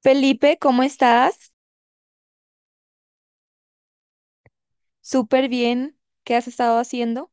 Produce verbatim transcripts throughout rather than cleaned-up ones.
Felipe, ¿cómo estás? Súper bien. ¿Qué has estado haciendo?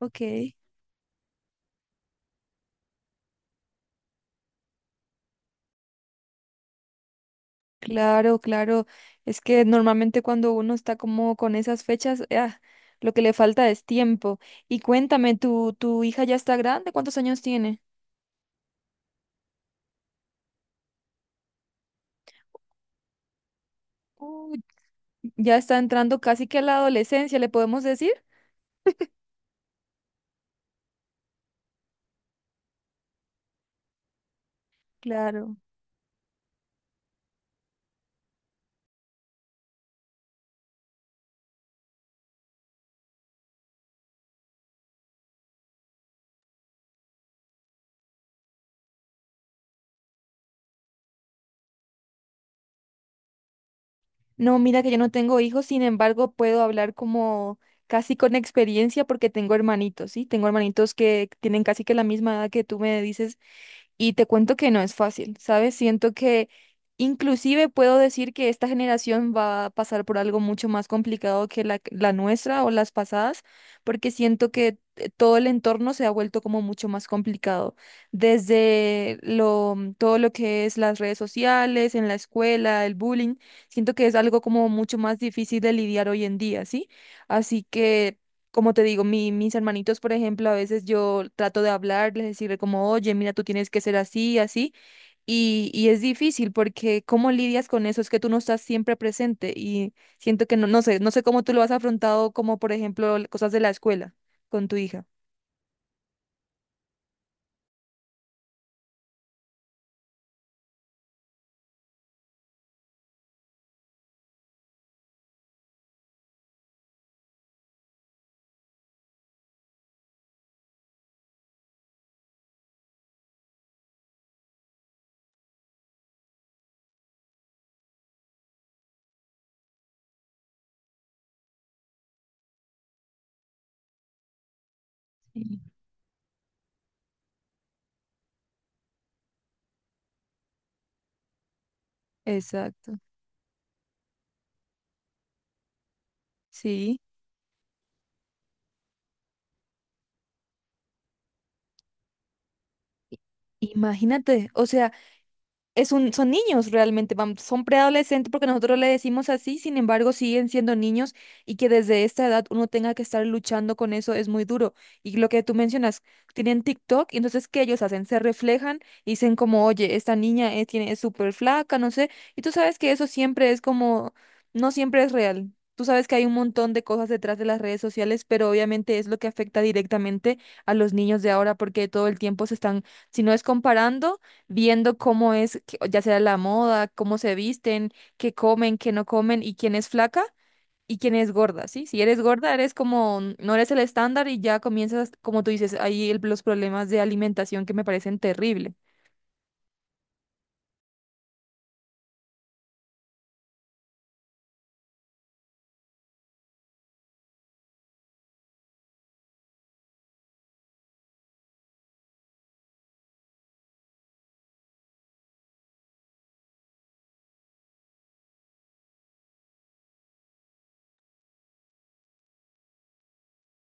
Ok, claro, claro. Es que normalmente cuando uno está como con esas fechas, ah, lo que le falta es tiempo. Y cuéntame, ¿tu, tu hija ya está grande? ¿Cuántos años tiene? Uy, ya está entrando casi que a la adolescencia, ¿le podemos decir? Claro. No, mira que yo no tengo hijos, sin embargo, puedo hablar como casi con experiencia porque tengo hermanitos, ¿sí? Tengo hermanitos que tienen casi que la misma edad que tú me dices. Y te cuento que no es fácil, ¿sabes? Siento que inclusive puedo decir que esta generación va a pasar por algo mucho más complicado que la, la nuestra o las pasadas, porque siento que eh, todo el entorno se ha vuelto como mucho más complicado, desde lo, todo lo que es las redes sociales, en la escuela, el bullying. Siento que es algo como mucho más difícil de lidiar hoy en día, ¿sí? Así que como te digo, mi- mis hermanitos, por ejemplo, a veces yo trato de hablarles, decirle como, oye, mira, tú tienes que ser así, así, y, y es difícil porque ¿cómo lidias con eso? Es que tú no estás siempre presente y siento que no, no sé, no sé cómo tú lo has afrontado, como por ejemplo l- cosas de la escuela con tu hija. Sí. Exacto, sí. Imagínate, o sea, es un, son niños realmente, vam- son preadolescentes porque nosotros le decimos así, sin embargo siguen siendo niños, y que desde esta edad uno tenga que estar luchando con eso es muy duro. Y lo que tú mencionas, tienen TikTok, y entonces ¿qué ellos hacen? Se reflejan y dicen como, oye, esta niña es, tiene, es súper flaca, no sé, y tú sabes que eso siempre es como, no siempre es real. Tú sabes que hay un montón de cosas detrás de las redes sociales, pero obviamente es lo que afecta directamente a los niños de ahora porque todo el tiempo se están, si no es comparando, viendo cómo es, que- ya sea la moda, cómo se visten, qué comen, qué no comen y quién es flaca y quién es gorda, ¿sí? Si eres gorda, eres como, no eres el estándar y ya comienzas, como tú dices, ahí el- los problemas de alimentación que me parecen terrible.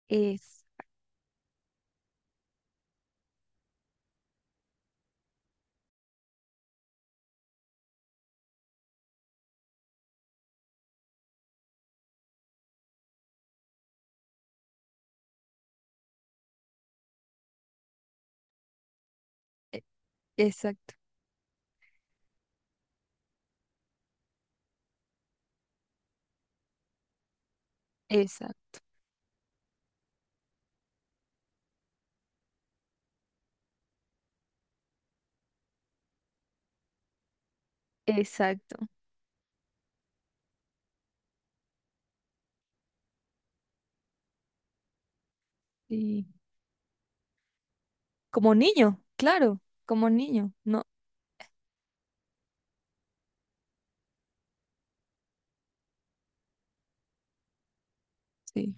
Es, e- exacto, exacto. Exacto. Sí. Como niño, claro, como niño, ¿no? Sí.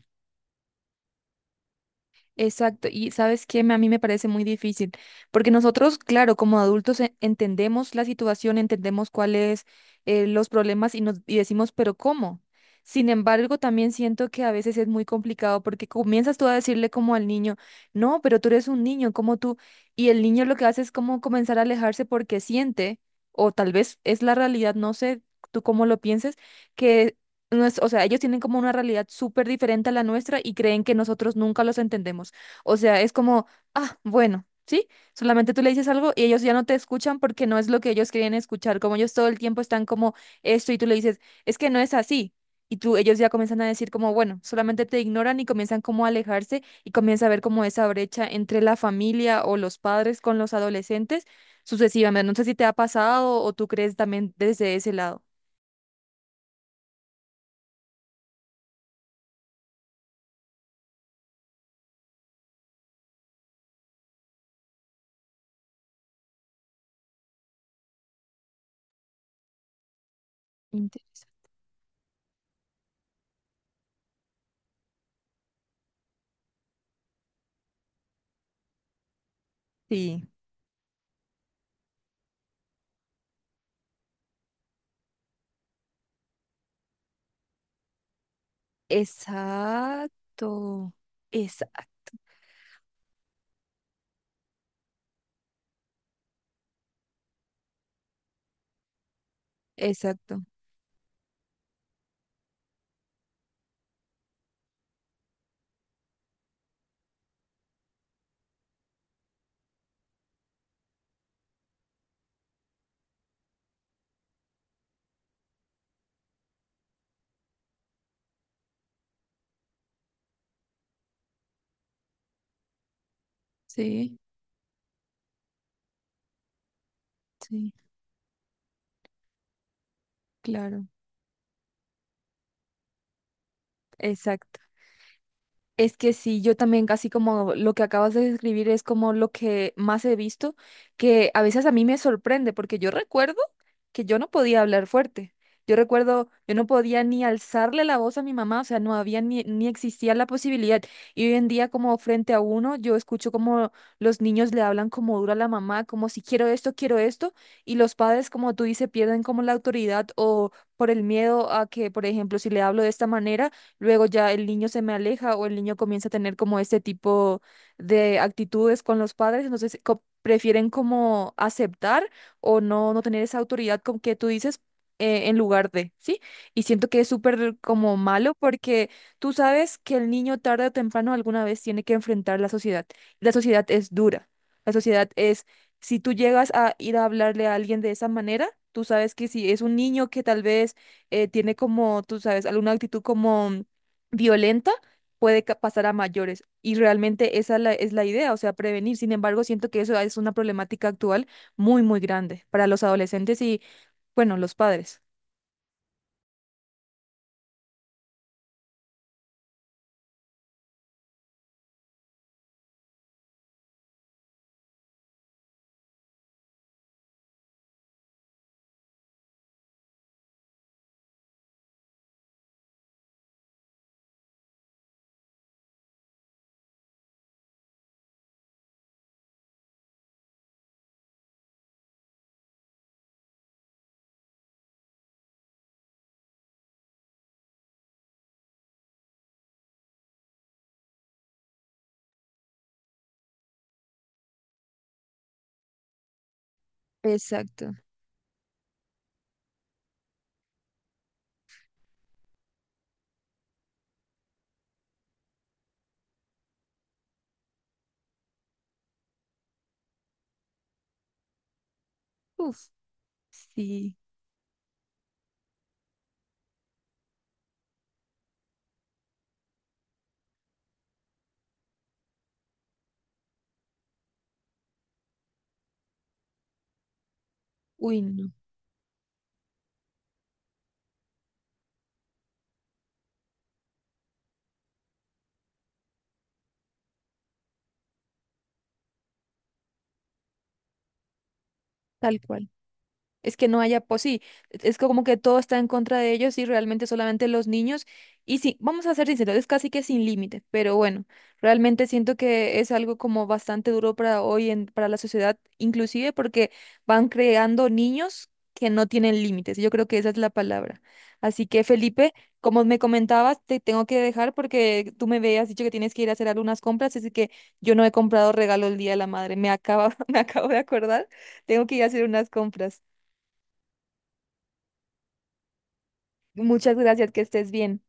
Exacto, y sabes qué, Me- a mí me parece muy difícil, porque nosotros, claro, como adultos e- entendemos la situación, entendemos cuáles eh, los problemas y nos y decimos, pero ¿cómo? Sin embargo, también siento que a veces es muy complicado porque comienzas tú a decirle como al niño, no, pero tú eres un niño, ¿como tú? Y el niño lo que hace es como comenzar a alejarse porque siente, o tal vez es la realidad, no sé tú cómo lo pienses, que no es- o sea, ellos tienen como una realidad súper diferente a la nuestra y creen que nosotros nunca los entendemos. O sea, es como, ah, bueno, ¿sí? Solamente tú le dices algo y ellos ya no te escuchan porque no es lo que ellos quieren escuchar. Como ellos todo el tiempo están como esto y tú le dices, es que no es así. Y tú, ellos ya comienzan a decir como, bueno, solamente te ignoran y comienzan como a alejarse y comienza a ver como esa brecha entre la familia o los padres con los adolescentes sucesivamente. No sé si te ha pasado o tú crees también desde ese lado. Interesante. Sí. Exacto, exacto, exacto, sí, sí, claro, exacto. Es que sí, yo también casi como lo que acabas de describir es como lo que más he visto, que a veces a mí me sorprende, porque yo recuerdo que yo no podía hablar fuerte. Yo recuerdo, yo no podía ni alzarle la voz a mi mamá, o sea, no había ni, ni existía la posibilidad. Y hoy en día como frente a uno, yo escucho como los niños le hablan como duro a la mamá, como si quiero esto, quiero esto, y los padres, como tú dices, pierden como la autoridad o por el miedo a que, por ejemplo, si le hablo de esta manera luego ya el niño se me aleja o el niño comienza a tener como este tipo de actitudes con los padres, entonces co- prefieren como aceptar o no, no tener esa autoridad con que tú dices eh, en lugar de, ¿sí? Y siento que es súper como malo porque tú sabes que el niño tarde o temprano alguna vez tiene que enfrentar la sociedad. La sociedad es dura, la sociedad es... Si tú llegas a ir a hablarle a alguien de esa manera, tú sabes que si es un niño que tal vez eh, tiene como, tú sabes, alguna actitud como violenta puede ca- pasar a mayores. Y realmente esa la- es la idea, o sea, prevenir. Sin embargo, siento que eso es una problemática actual muy, muy grande para los adolescentes y, bueno, los padres. Exacto. Uf, sí. Uy, no. Tal cual. Es que no haya, pues sí, e-, es como que todo está en contra de ellos y realmente solamente los niños. Y sí, vamos a ser sinceros, es casi que sin límite, pero bueno, realmente siento que es algo como bastante duro para hoy, en, para la sociedad, inclusive porque van creando niños que no tienen límites. Yo creo que esa es la palabra. Así que Felipe, como me comentabas, te tengo que dejar porque tú me habías dicho que tienes que ir a hacer algunas compras, así que yo no he comprado regalo el Día de la Madre. Me acaba, me acabo de acordar, tengo que ir a hacer unas compras. Muchas gracias, que estés bien.